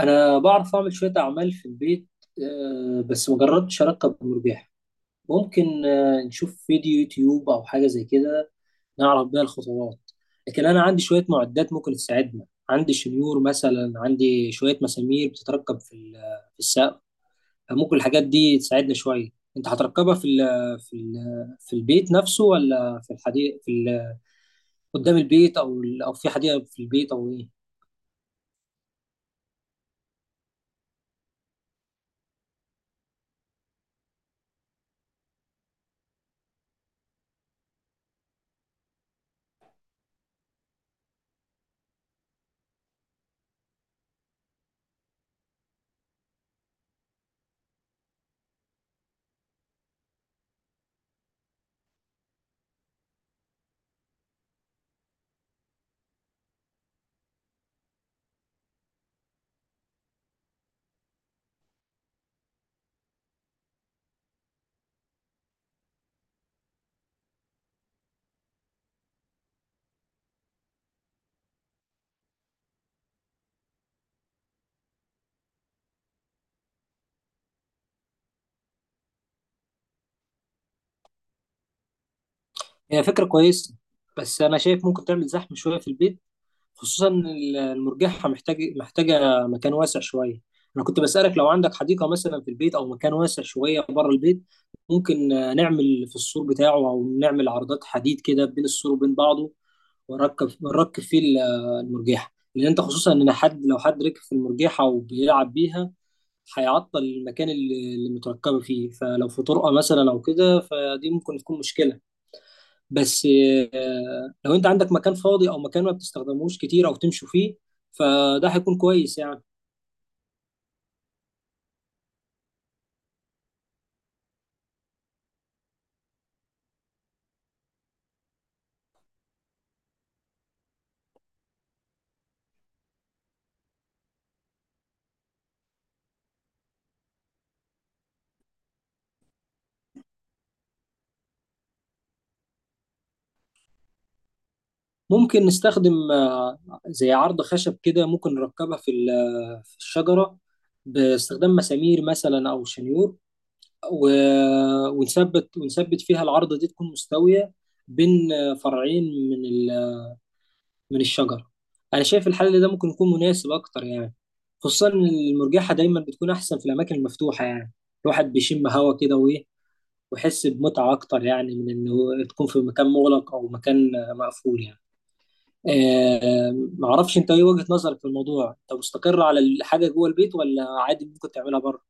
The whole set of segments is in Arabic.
انا بعرف اعمل شويه اعمال في البيت. بس ما جربتش اركب المرجحة. ممكن، نشوف فيديو يوتيوب او حاجه زي كده، نعرف بيها الخطوات. لكن انا عندي شويه معدات ممكن تساعدنا، عندي شنيور مثلا، عندي شويه مسامير بتتركب في السقف، فممكن الحاجات دي تساعدنا شويه. انت هتركبها في في البيت نفسه، ولا في الحديقه قدام البيت، او في حديقه في البيت، او ايه؟ هي فكره كويسه، بس انا شايف ممكن تعمل زحمه شويه في البيت، خصوصا إن المرجحة محتاجة مكان واسع شوية. أنا كنت بسألك لو عندك حديقة مثلا في البيت، أو مكان واسع شوية بره البيت، ممكن نعمل في السور بتاعه، أو نعمل عرضات حديد كده بين السور وبين بعضه، نركب فيه المرجحة. لأن أنت، خصوصا إن حد، لو حد ركب في المرجحة وبيلعب بيها، هيعطل المكان اللي متركبة فيه. فلو في طرقة مثلا أو كده، فدي ممكن تكون مشكلة. بس لو انت عندك مكان فاضي، او مكان ما بتستخدموش كتير او تمشوا فيه، فده هيكون كويس يعني. ممكن نستخدم زي عرض خشب كده، ممكن نركبها في ال- آه، في الشجرة، باستخدام مسامير مثلا او شنيور، ونثبت فيها العرضة دي، تكون مستوية بين فرعين من ال- آه، من الشجرة. انا شايف الحل ده ممكن يكون مناسب اكتر يعني، خصوصا إن المرجحة دايما بتكون احسن في الاماكن المفتوحة يعني، الواحد بيشم هوا كده وايه، واحس بمتعه اكتر يعني من انه تكون في مكان مغلق او مكان مقفول يعني. آه، معرفش انت ايه وجهه نظرك في الموضوع، انت مستقر على الحاجه جوه البيت ولا عادي ممكن تعملها بره؟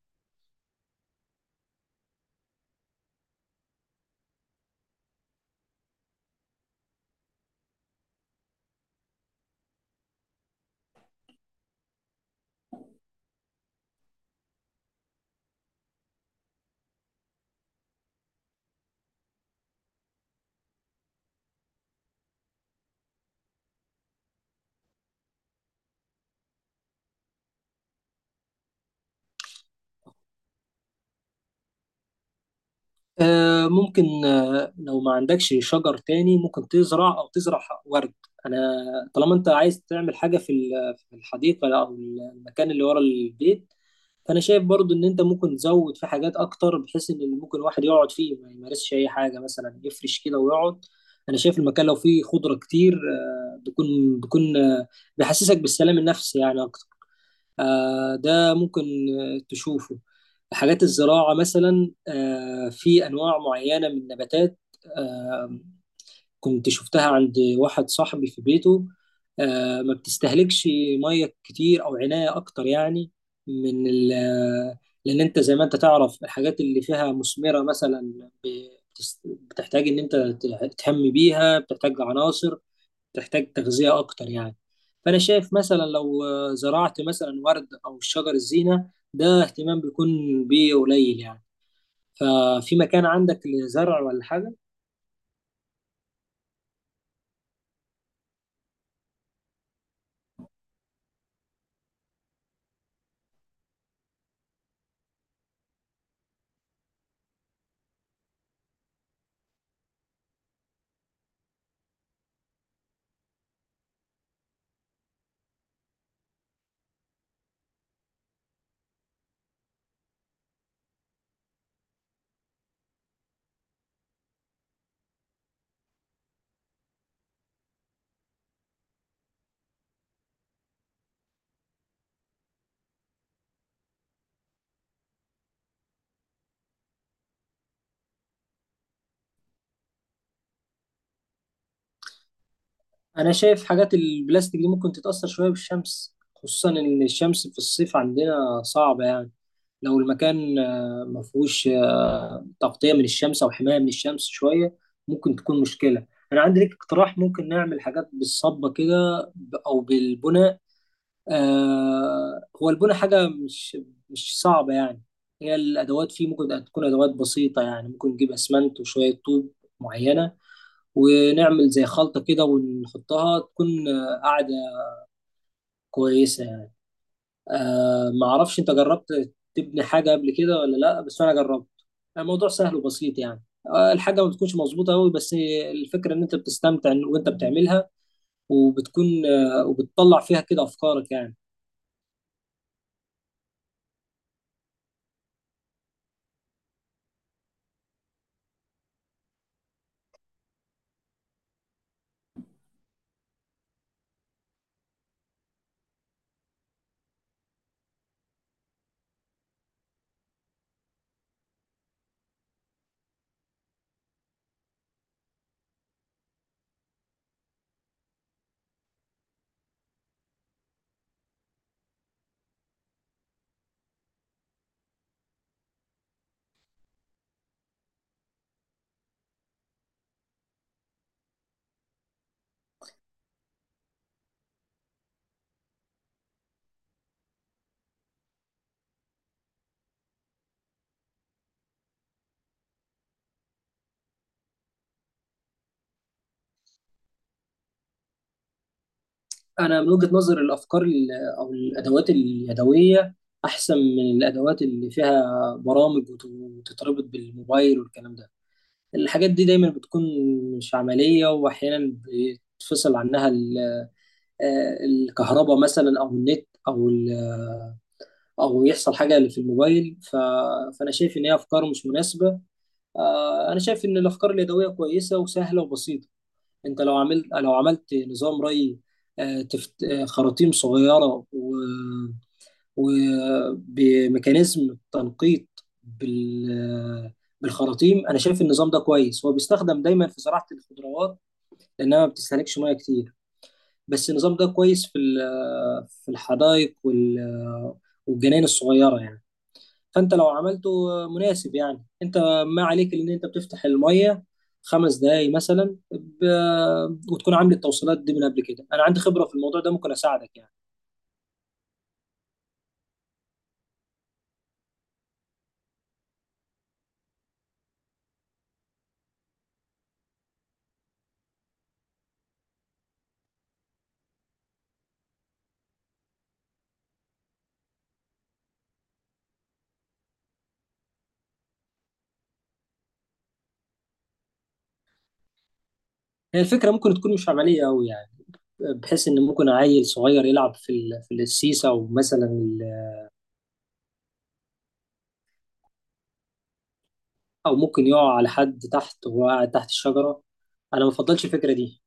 آه، ممكن. آه، لو ما عندكش شجر تاني ممكن تزرع، أو تزرع ورد. أنا، طالما أنت عايز تعمل حاجة في الحديقة أو المكان اللي ورا البيت، فأنا شايف برضو إن أنت ممكن تزود في حاجات أكتر، بحيث إن اللي ممكن الواحد يقعد فيه ما يمارسش أي حاجة، مثلا يفرش كده ويقعد. أنا شايف المكان لو فيه خضرة كتير، آه، بيكون آه، بيحسسك بالسلام النفسي يعني. آه، ده ممكن، آه، تشوفه. حاجات الزراعة مثلا، آه، في أنواع معينة من النباتات، آه، كنت شفتها عند واحد صاحبي في بيته، آه، ما بتستهلكش مية كتير أو عناية أكتر يعني من ال آه، لأن أنت زي ما أنت تعرف الحاجات اللي فيها مثمرة، مثلا بتحتاج إن أنت تهتم بيها، بتحتاج عناصر، تحتاج تغذية أكتر يعني. فأنا شايف مثلا لو، آه، زرعت مثلا ورد أو شجر الزينة، ده اهتمام بيكون بيه قليل يعني. ففي مكان عندك لزرع ولا حاجة؟ أنا شايف حاجات البلاستيك دي ممكن تتأثر شوية بالشمس، خصوصا إن الشمس في الصيف عندنا صعبة يعني. لو المكان، ما فيهوش تغطية من الشمس أو حماية من الشمس شوية، ممكن تكون مشكلة. أنا عندي ليك اقتراح، ممكن نعمل حاجات بالصبة كده، أو بالبناء. آه، هو البنى حاجة مش صعبة يعني. هي الأدوات فيه ممكن تكون أدوات بسيطة يعني، ممكن نجيب أسمنت وشوية طوب معينة، ونعمل زي خلطة كده، ونحطها تكون، آه، قاعدة كويسة يعني. آه، معرفش أنت جربت تبني حاجة قبل كده ولا لأ، بس أنا جربت، الموضوع سهل وبسيط يعني. آه، الحاجة ما بتكونش مظبوطة أوي، بس الفكرة إن أنت بتستمتع وأنت بتعملها، وبتكون، آه، وبتطلع فيها كده أفكارك يعني. انا من وجهة نظر، الافكار او الادوات اليدويه احسن من الادوات اللي فيها برامج وتتربط بالموبايل والكلام ده. الحاجات دي دايما بتكون مش عمليه، واحيانا بيتفصل عنها الكهرباء مثلا، او النت، او يحصل حاجه في الموبايل. فانا شايف ان هي افكار مش مناسبه. آه، انا شايف ان الافكار اليدويه كويسه وسهله وبسيطه. انت لو عملت نظام ري، آه، خراطيم صغيره وبميكانيزم تنقيط بال... آه، بالخراطيم. انا شايف النظام ده كويس، هو بيستخدم دايما في زراعه الخضروات لانها ما بتستهلكش ميه كتير. بس النظام ده كويس في الحدائق والجناين الصغيره يعني. فانت لو عملته، مناسب يعني، انت ما عليك ان انت بتفتح الميه 5 دقايق مثلا، وتكون عامل التوصيلات دي من قبل كده. انا عندي خبره في الموضوع ده، ممكن اساعدك يعني. هي الفكره ممكن تكون مش عمليه قوي يعني، بحيث ان ممكن عيل صغير يلعب في السيسه، او مثلا او ممكن يقع على حد تحت وهو قاعد تحت الشجره. انا ما بفضلش الفكره دي.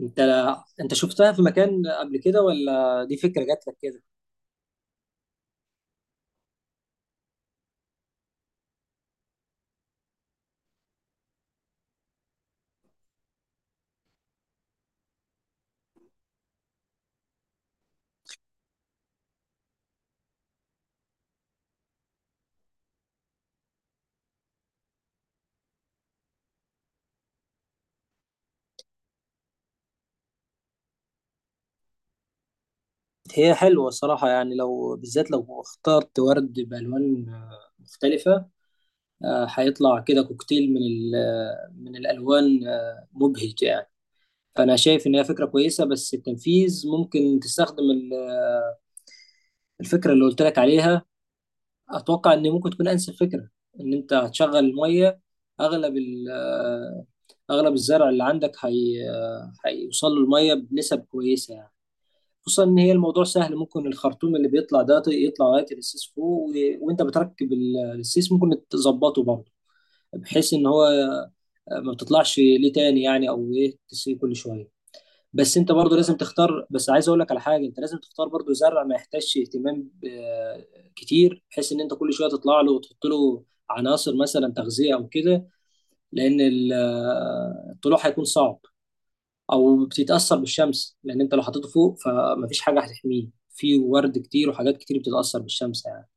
انت انت شفتها في مكان قبل كده، ولا دي فكره جات لك كده؟ هي حلوة الصراحة يعني، لو بالذات لو اخترت ورد بألوان، آه، مختلفة، آه، هيطلع كده كوكتيل من الألوان، آه، مبهج يعني. فأنا شايف إن هي فكرة كويسة، بس التنفيذ ممكن تستخدم الفكرة اللي قلت لك عليها، أتوقع إن ممكن تكون أنسب فكرة. إن أنت هتشغل المية، أغلب ال- آه، أغلب الزرع اللي عندك، هي، آه، هيوصل له المية بنسب كويسة يعني. خصوصا ان هي الموضوع سهل، ممكن الخرطوم اللي بيطلع ده يطلع لغايه السيس فوق، وانت بتركب السيس ممكن تظبطه برضه، بحيث ان هو ما بتطلعش ليه تاني يعني، او ايه تسيب كل شويه. بس انت برضه لازم تختار، بس عايز اقول لك على حاجه، انت لازم تختار برضه زرع ما يحتاجش اهتمام، آه، كتير، بحيث ان انت كل شويه تطلع له وتحط له عناصر مثلا تغذيه او كده، لان الطلوع هيكون صعب، او بتتاثر بالشمس، لان انت لو حطيته فوق فمفيش حاجه هتحميه، في ورد كتير وحاجات كتير بتتاثر بالشمس يعني.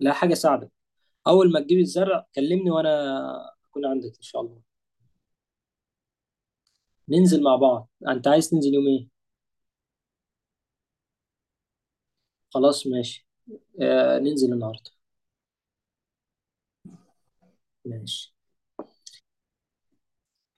لا، حاجه ساعدك. اول ما تجيب الزرع كلمني، وانا اكون عندك ان شاء الله. ننزل مع بعض، انت عايز تنزل يوم ايه؟ خلاص ماشي. آه، ننزل النهارده. ماشي.